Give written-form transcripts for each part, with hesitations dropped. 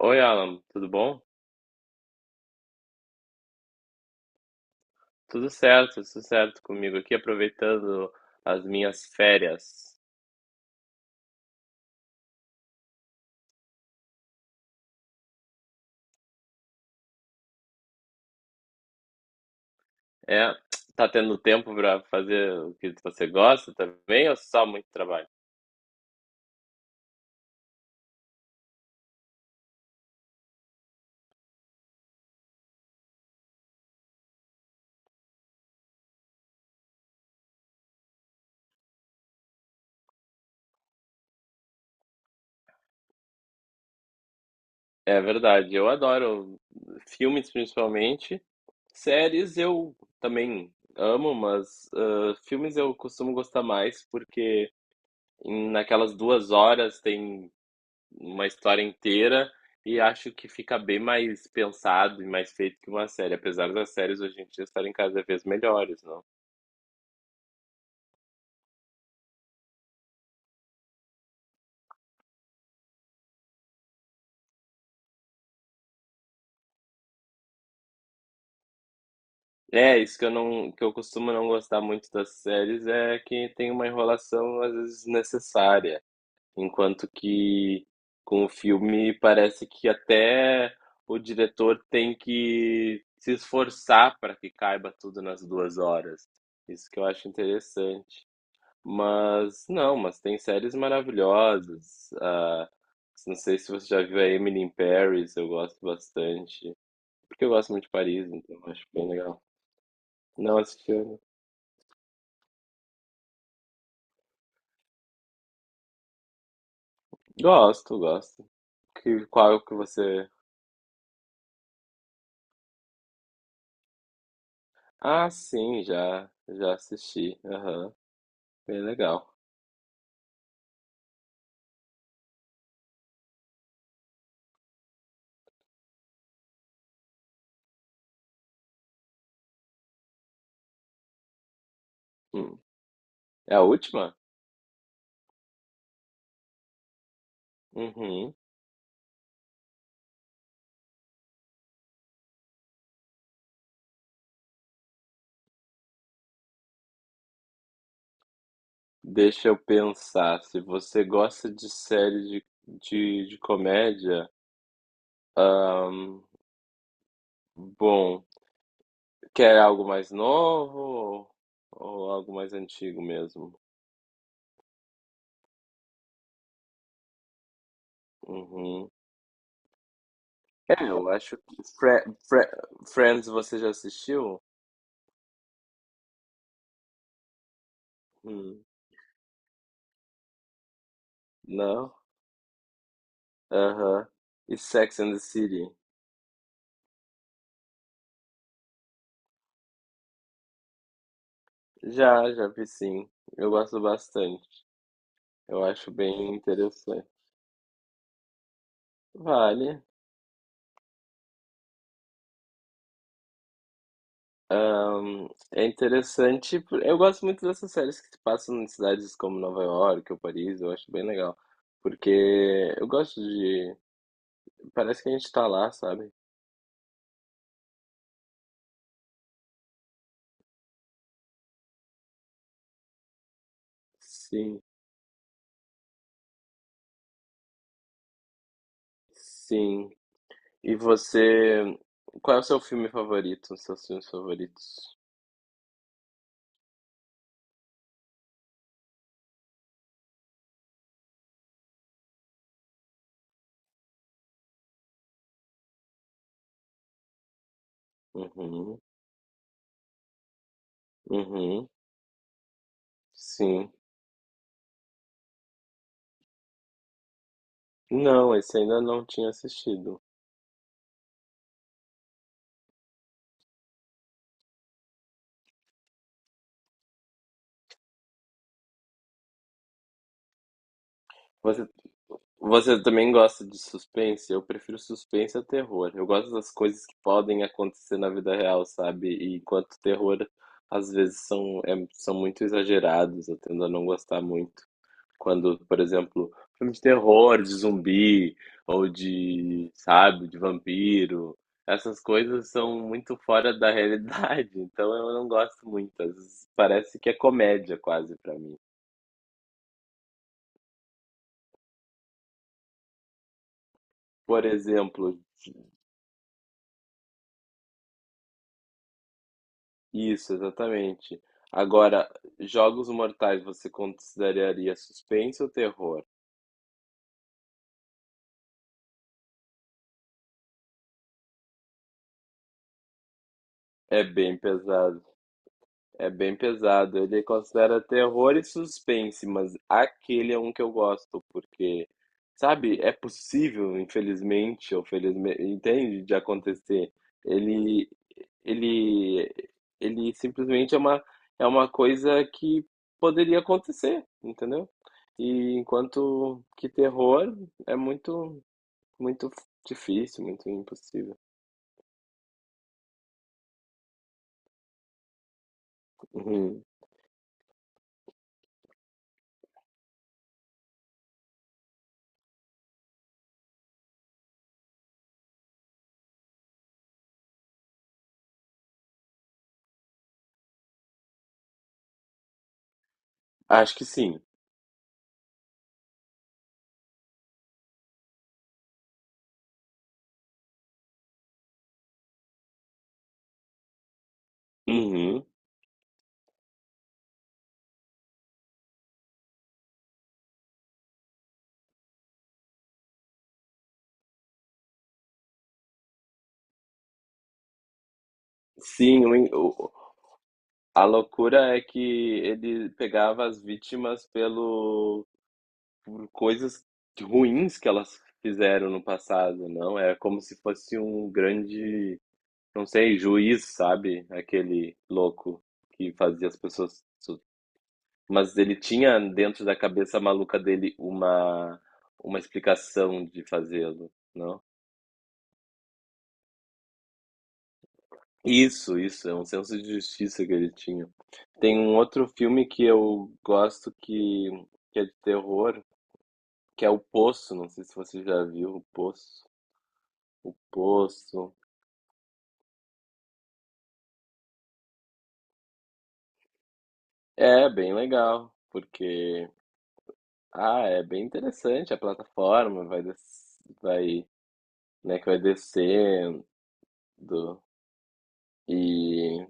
Oi, Alan, tudo bom? Tudo certo comigo aqui, aproveitando as minhas férias. É, tá tendo tempo para fazer o que você gosta também ou só muito trabalho? É verdade, eu adoro filmes principalmente. Séries eu também amo, mas filmes eu costumo gostar mais porque naquelas 2 horas tem uma história inteira e acho que fica bem mais pensado e mais feito que uma série, apesar das séries hoje em dia estarem cada vez melhores, não? É, isso que eu costumo não gostar muito das séries é que tem uma enrolação às vezes desnecessária, enquanto que com o filme parece que até o diretor tem que se esforçar para que caiba tudo nas 2 horas. Isso que eu acho interessante. Mas não, mas tem séries maravilhosas. Não sei se você já viu a Emily in Paris, eu gosto bastante. Porque eu gosto muito de Paris, então eu acho bem legal. Não assistiu? Gosto, gosto. Qual que você. Ah, sim, já assisti. Aham, bem legal. Hum. É a última? Uhum. Deixa eu pensar. Se você gosta de série de comédia, ahn, bom. Quer algo mais novo ou algo mais antigo mesmo? Uhum. É, eu acho que Fre Fre Friends você já assistiu? Hum, não? Aham. E Sex and the City? Já vi sim. Eu gosto bastante. Eu acho bem interessante. Vale. Ahn, É interessante. Eu gosto muito dessas séries que se passam em cidades como Nova York ou Paris. Eu acho bem legal. Porque eu gosto de. Parece que a gente tá lá, sabe? Sim, sim. E você, qual é o seu filme favorito? Os seus filmes favoritos? Uhum, uhum, sim. Não, esse ainda não tinha assistido. Você, você também gosta de suspense? Eu prefiro suspense a terror. Eu gosto das coisas que podem acontecer na vida real, sabe? E enquanto terror, às vezes são muito exagerados, eu tendo a não gostar muito. Quando, por exemplo, filmes de terror, de zumbi, ou de, sabe, de vampiro, essas coisas são muito fora da realidade, então eu não gosto muito. Às vezes parece que é comédia quase pra mim. Por exemplo, isso, exatamente. Agora, Jogos Mortais você consideraria suspense ou terror? É bem pesado. É bem pesado. Ele considera terror e suspense, mas aquele é um que eu gosto, porque, sabe, é possível, infelizmente, ou felizmente, entende, de acontecer. Ele, ele, ele simplesmente é uma coisa que poderia acontecer, entendeu? E enquanto que terror é muito, muito difícil, muito impossível. Uhum. Acho que sim. Uhum. Sim. A loucura é que ele pegava as vítimas pelo por coisas ruins que elas fizeram no passado, não? É como se fosse um grande, não sei, juiz, sabe? Aquele louco que fazia as pessoas. Mas ele tinha dentro da cabeça maluca dele uma explicação de fazê-lo, não? Isso, é um senso de justiça que ele tinha. Tem um outro filme que eu gosto que é de terror, que é o Poço, não sei se você já viu o Poço. O Poço. É bem legal, porque é bem interessante a plataforma, vai, né, que vai descendo e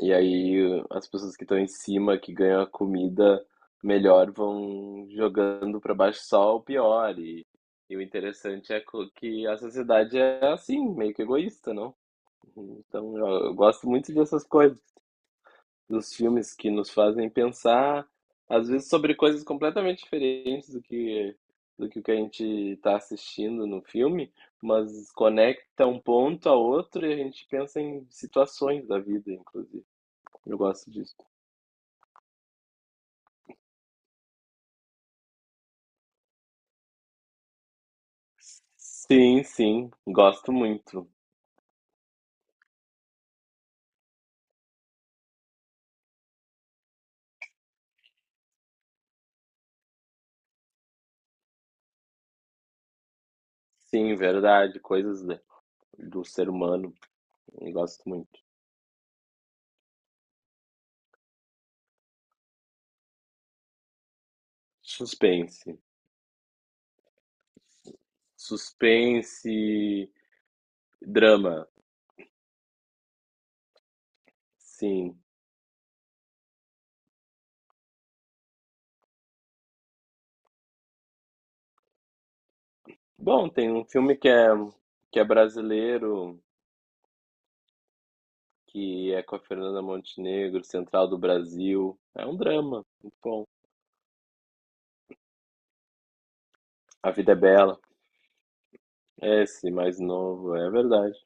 e aí as pessoas que estão em cima que ganham a comida melhor vão jogando para baixo só o pior e o interessante é que a sociedade é assim, meio que egoísta, não? Então eu gosto muito dessas coisas, dos filmes que nos fazem pensar, às vezes, sobre coisas completamente diferentes do que o que a gente está assistindo no filme, mas conecta um ponto a outro e a gente pensa em situações da vida, inclusive. Eu gosto disso. Sim, sim, gosto muito. Sim, verdade, coisas do ser humano, eu gosto muito. Suspense. Suspense, drama, sim. Bom, tem um filme que é, brasileiro, que é com a Fernanda Montenegro, Central do Brasil. É um drama, muito bom. A Vida é Bela, é esse mais novo, é verdade.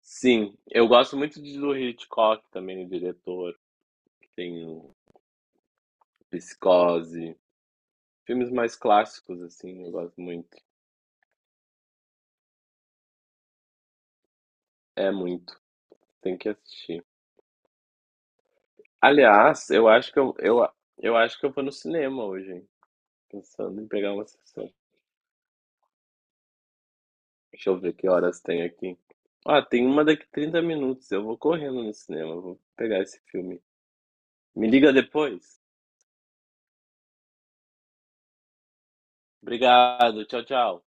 Sim, eu gosto muito do Hitchcock também, o diretor, que tem o Psicose. Filmes mais clássicos, assim, eu gosto muito. É muito, tem que assistir. Aliás, eu acho que eu vou no cinema hoje, hein? Pensando em pegar uma sessão. Deixa eu ver que horas tem aqui. Ah, tem uma daqui 30 minutos. Eu vou correndo no cinema, vou pegar esse filme. Me liga depois. Obrigado, tchau, tchau.